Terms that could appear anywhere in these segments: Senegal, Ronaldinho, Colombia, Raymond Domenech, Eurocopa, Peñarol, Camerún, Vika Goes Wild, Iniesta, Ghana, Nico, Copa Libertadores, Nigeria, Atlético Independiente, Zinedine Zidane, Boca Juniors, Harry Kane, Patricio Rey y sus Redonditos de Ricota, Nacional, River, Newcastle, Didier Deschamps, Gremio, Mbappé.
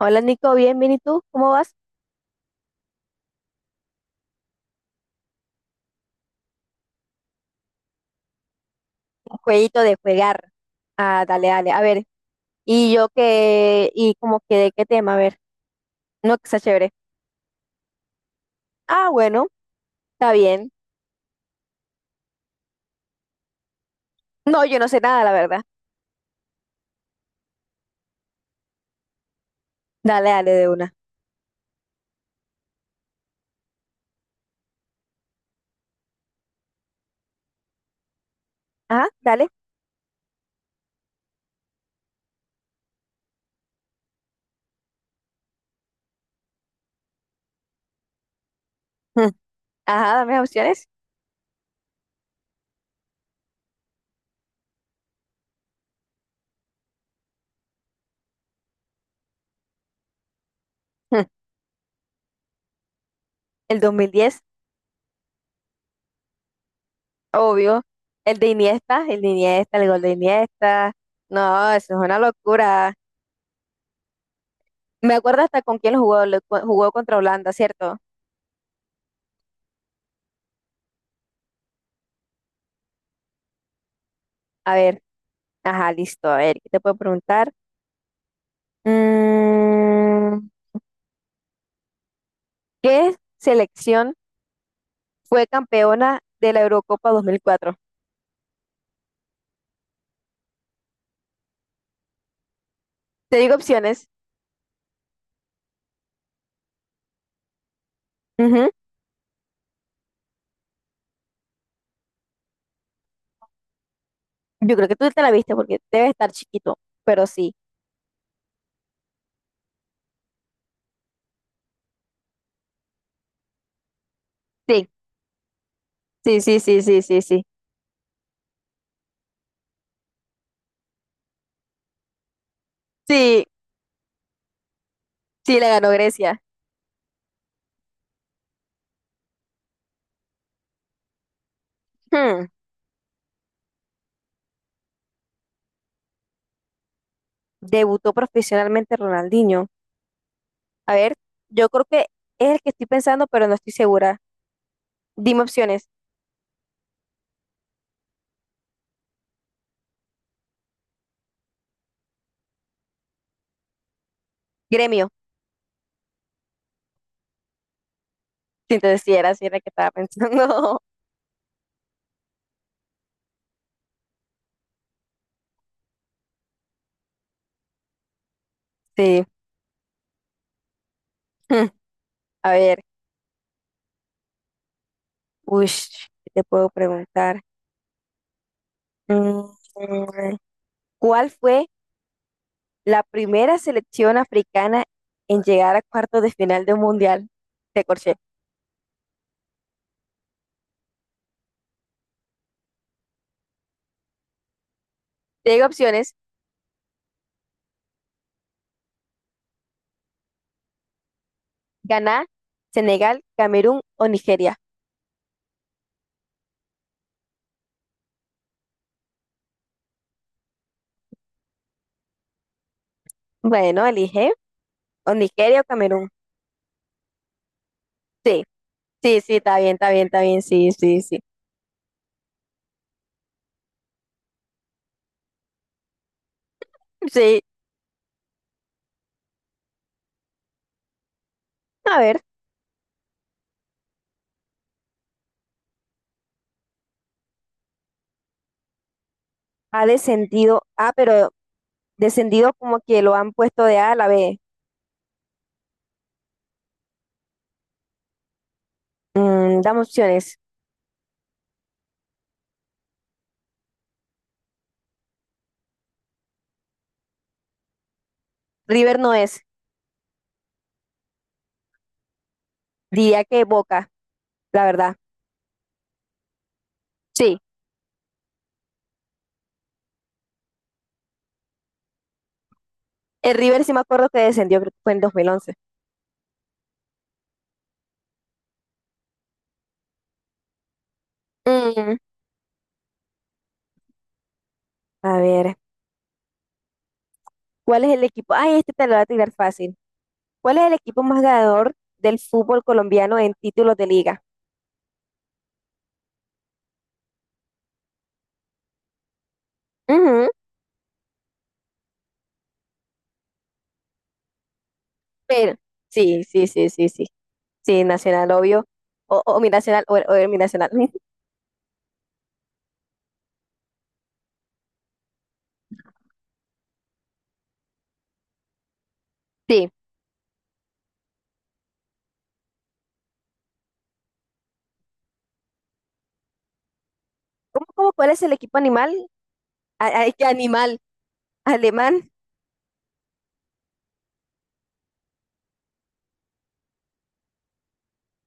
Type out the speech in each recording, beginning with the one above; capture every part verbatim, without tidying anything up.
Hola, Nico, bien, bien, ¿y tú? ¿Cómo vas? Un jueguito de jugar. Ah, dale, dale, a ver. ¿Y yo qué? ¿Y como que de qué tema? A ver, no que sea chévere. Ah, bueno, está bien. No, yo no sé nada, la verdad. Dale, dale, de una. Ajá, dale. Mm. Ajá, dame las opciones. Mm. El dos mil diez, obvio. El de Iniesta, el de Iniesta, el gol de Iniesta. No, eso es una locura. Me acuerdo hasta con quién lo jugó, lo- jugó contra Holanda, ¿cierto? A ver, ajá, listo. A ver, ¿qué te puedo preguntar? Mm, ¿qué selección fue campeona de la Eurocopa dos mil cuatro? Te digo opciones. Ujú. Yo creo que tú te la viste porque debe estar chiquito, pero sí. Sí, sí, sí, sí, sí, sí, sí. Sí, sí, la ganó Grecia. Hmm, Debutó profesionalmente Ronaldinho. A ver, yo creo que es el que estoy pensando, pero no estoy segura. Dime opciones. Gremio. Sí, entonces sí era, sí era el que estaba pensando. Sí. Hmm, a ver, uy, ¿qué te puedo preguntar? Mm, mm, ¿Cuál fue la primera selección africana en llegar a cuartos de final de un mundial? De corché. Te digo opciones: Ghana, Senegal, Camerún o Nigeria. Bueno, elige o Nigeria o Camerún. Sí, sí, sí, está bien, está bien, está bien. Sí, sí, sí. Sí, a ver, ha descendido. Ah, pero descendido como que lo han puesto de A a la B. Mm, dame opciones. River no es. Diría que Boca, la verdad. Sí. El River sí me acuerdo que descendió, creo que fue en dos mil once. Mm, a ver, ¿cuál es el equipo? Ay, este te lo voy a tirar fácil. ¿Cuál es el equipo más ganador del fútbol colombiano en títulos de liga? Ujú, pero, sí, sí, sí, sí, sí. Sí, Nacional, obvio. O, o mi Nacional, o, o mi Nacional. Sí. ¿Cómo, cómo, cuál es el equipo animal? A- a- ¿Qué animal? ¿Alemán?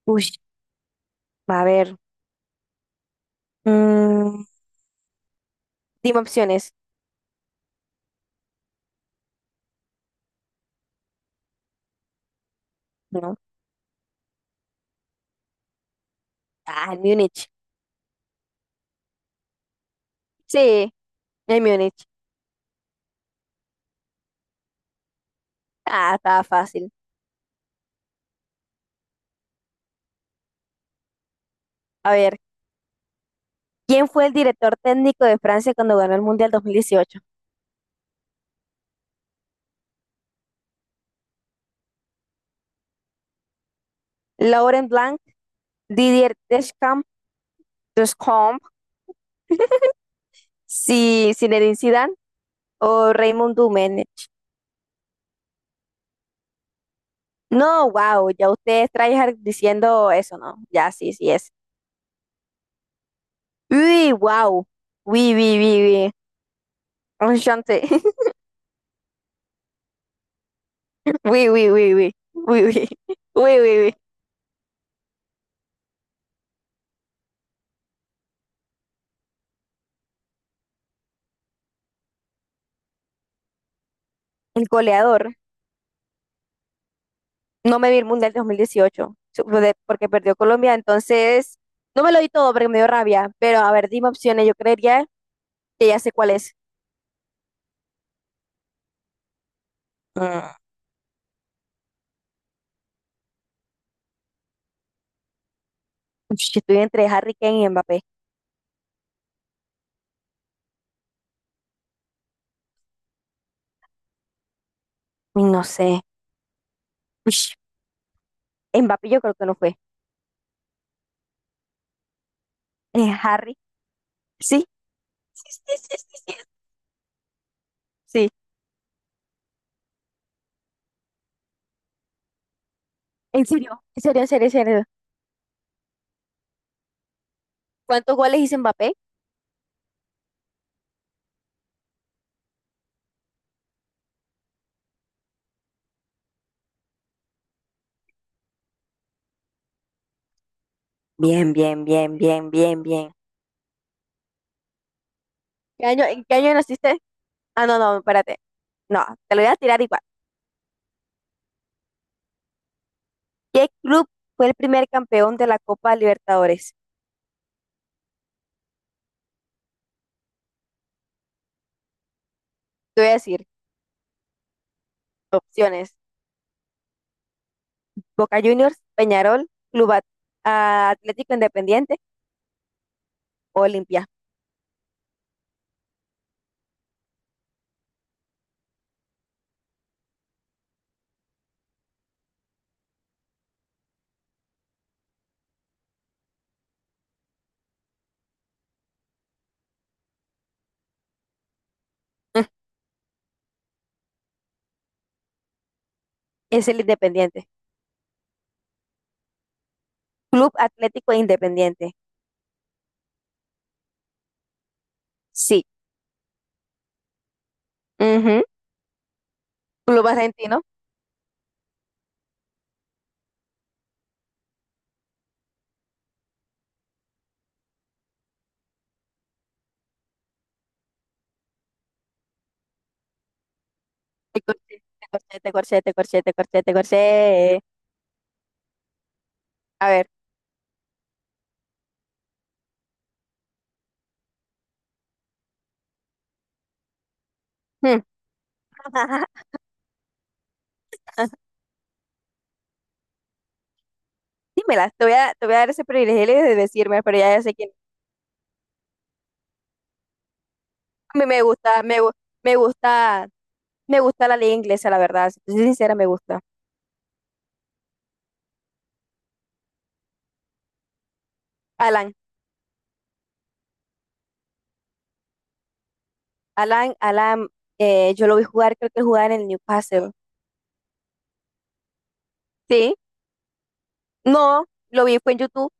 Uy, a ver. Mm, dime opciones. No. Ah, el Múnich. Sí, el Múnich. Ah, estaba fácil. A ver. ¿Quién fue el director técnico de Francia cuando ganó el Mundial dos mil dieciocho? ¿Laurent Blanc, Didier Deschamps, Deschamps, Si- Zinedine Zidane o Raymond Domenech? No, wow, ya ustedes traen diciendo eso, ¿no? Ya, sí, sí es. Uy, wow. Uy, uy, uy, uy. Enchanté. Uy, uy, uy, uy. Uy, uy. Uy, uy, uy. El goleador. No me vi el Mundial dos mil dieciocho su- de- porque perdió Colombia, entonces no me lo di todo porque me dio rabia. Pero a ver, dime opciones. Yo creería que ya sé cuál es. Mm, ush, estoy entre Harry Kane y Mbappé. Uy, no sé. Ush, Mbappé yo creo que no fue. Eh, Harry. Sí, sí, sí, sí, sí, sí. Sí, en serio, en serio, en serio, en serio. ¿Cuántos goles hizo Mbappé? Bien, bien, bien, bien, bien, bien. ¿Qué año, en qué año naciste? Ah, no, no, espérate. No, te lo voy a tirar igual. ¿Qué club fue el primer campeón de la Copa Libertadores? Te voy a decir opciones. Boca Juniors, Peñarol, Club At- ah, Atlético Independiente o Olimpia. Es el Independiente. Club Atlético Independiente. Sí. Ujú. Club Argentino. Te corché, te corché, te corché, te corché, te corché, te corché. A ver. Hmm. Dímela. Te voy a, te voy a dar ese privilegio de decirme, pero ya sé quién. A mí me gusta, me, gu- me gusta, me gusta la liga inglesa, la verdad. Si te soy sincera, me gusta. Alan, Alan, Alan, eh, yo lo vi jugar, creo que jugaba en el Newcastle. Sí. No, lo vi, fue en YouTube.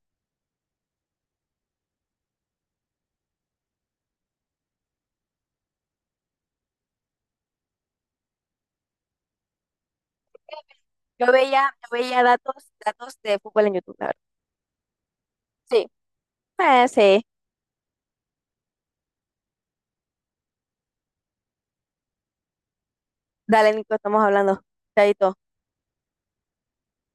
Yo veía, yo veía datos, datos de fútbol en YouTube, la verdad. Sí. Eh, sí. Dale, Nico, estamos hablando. Chaito.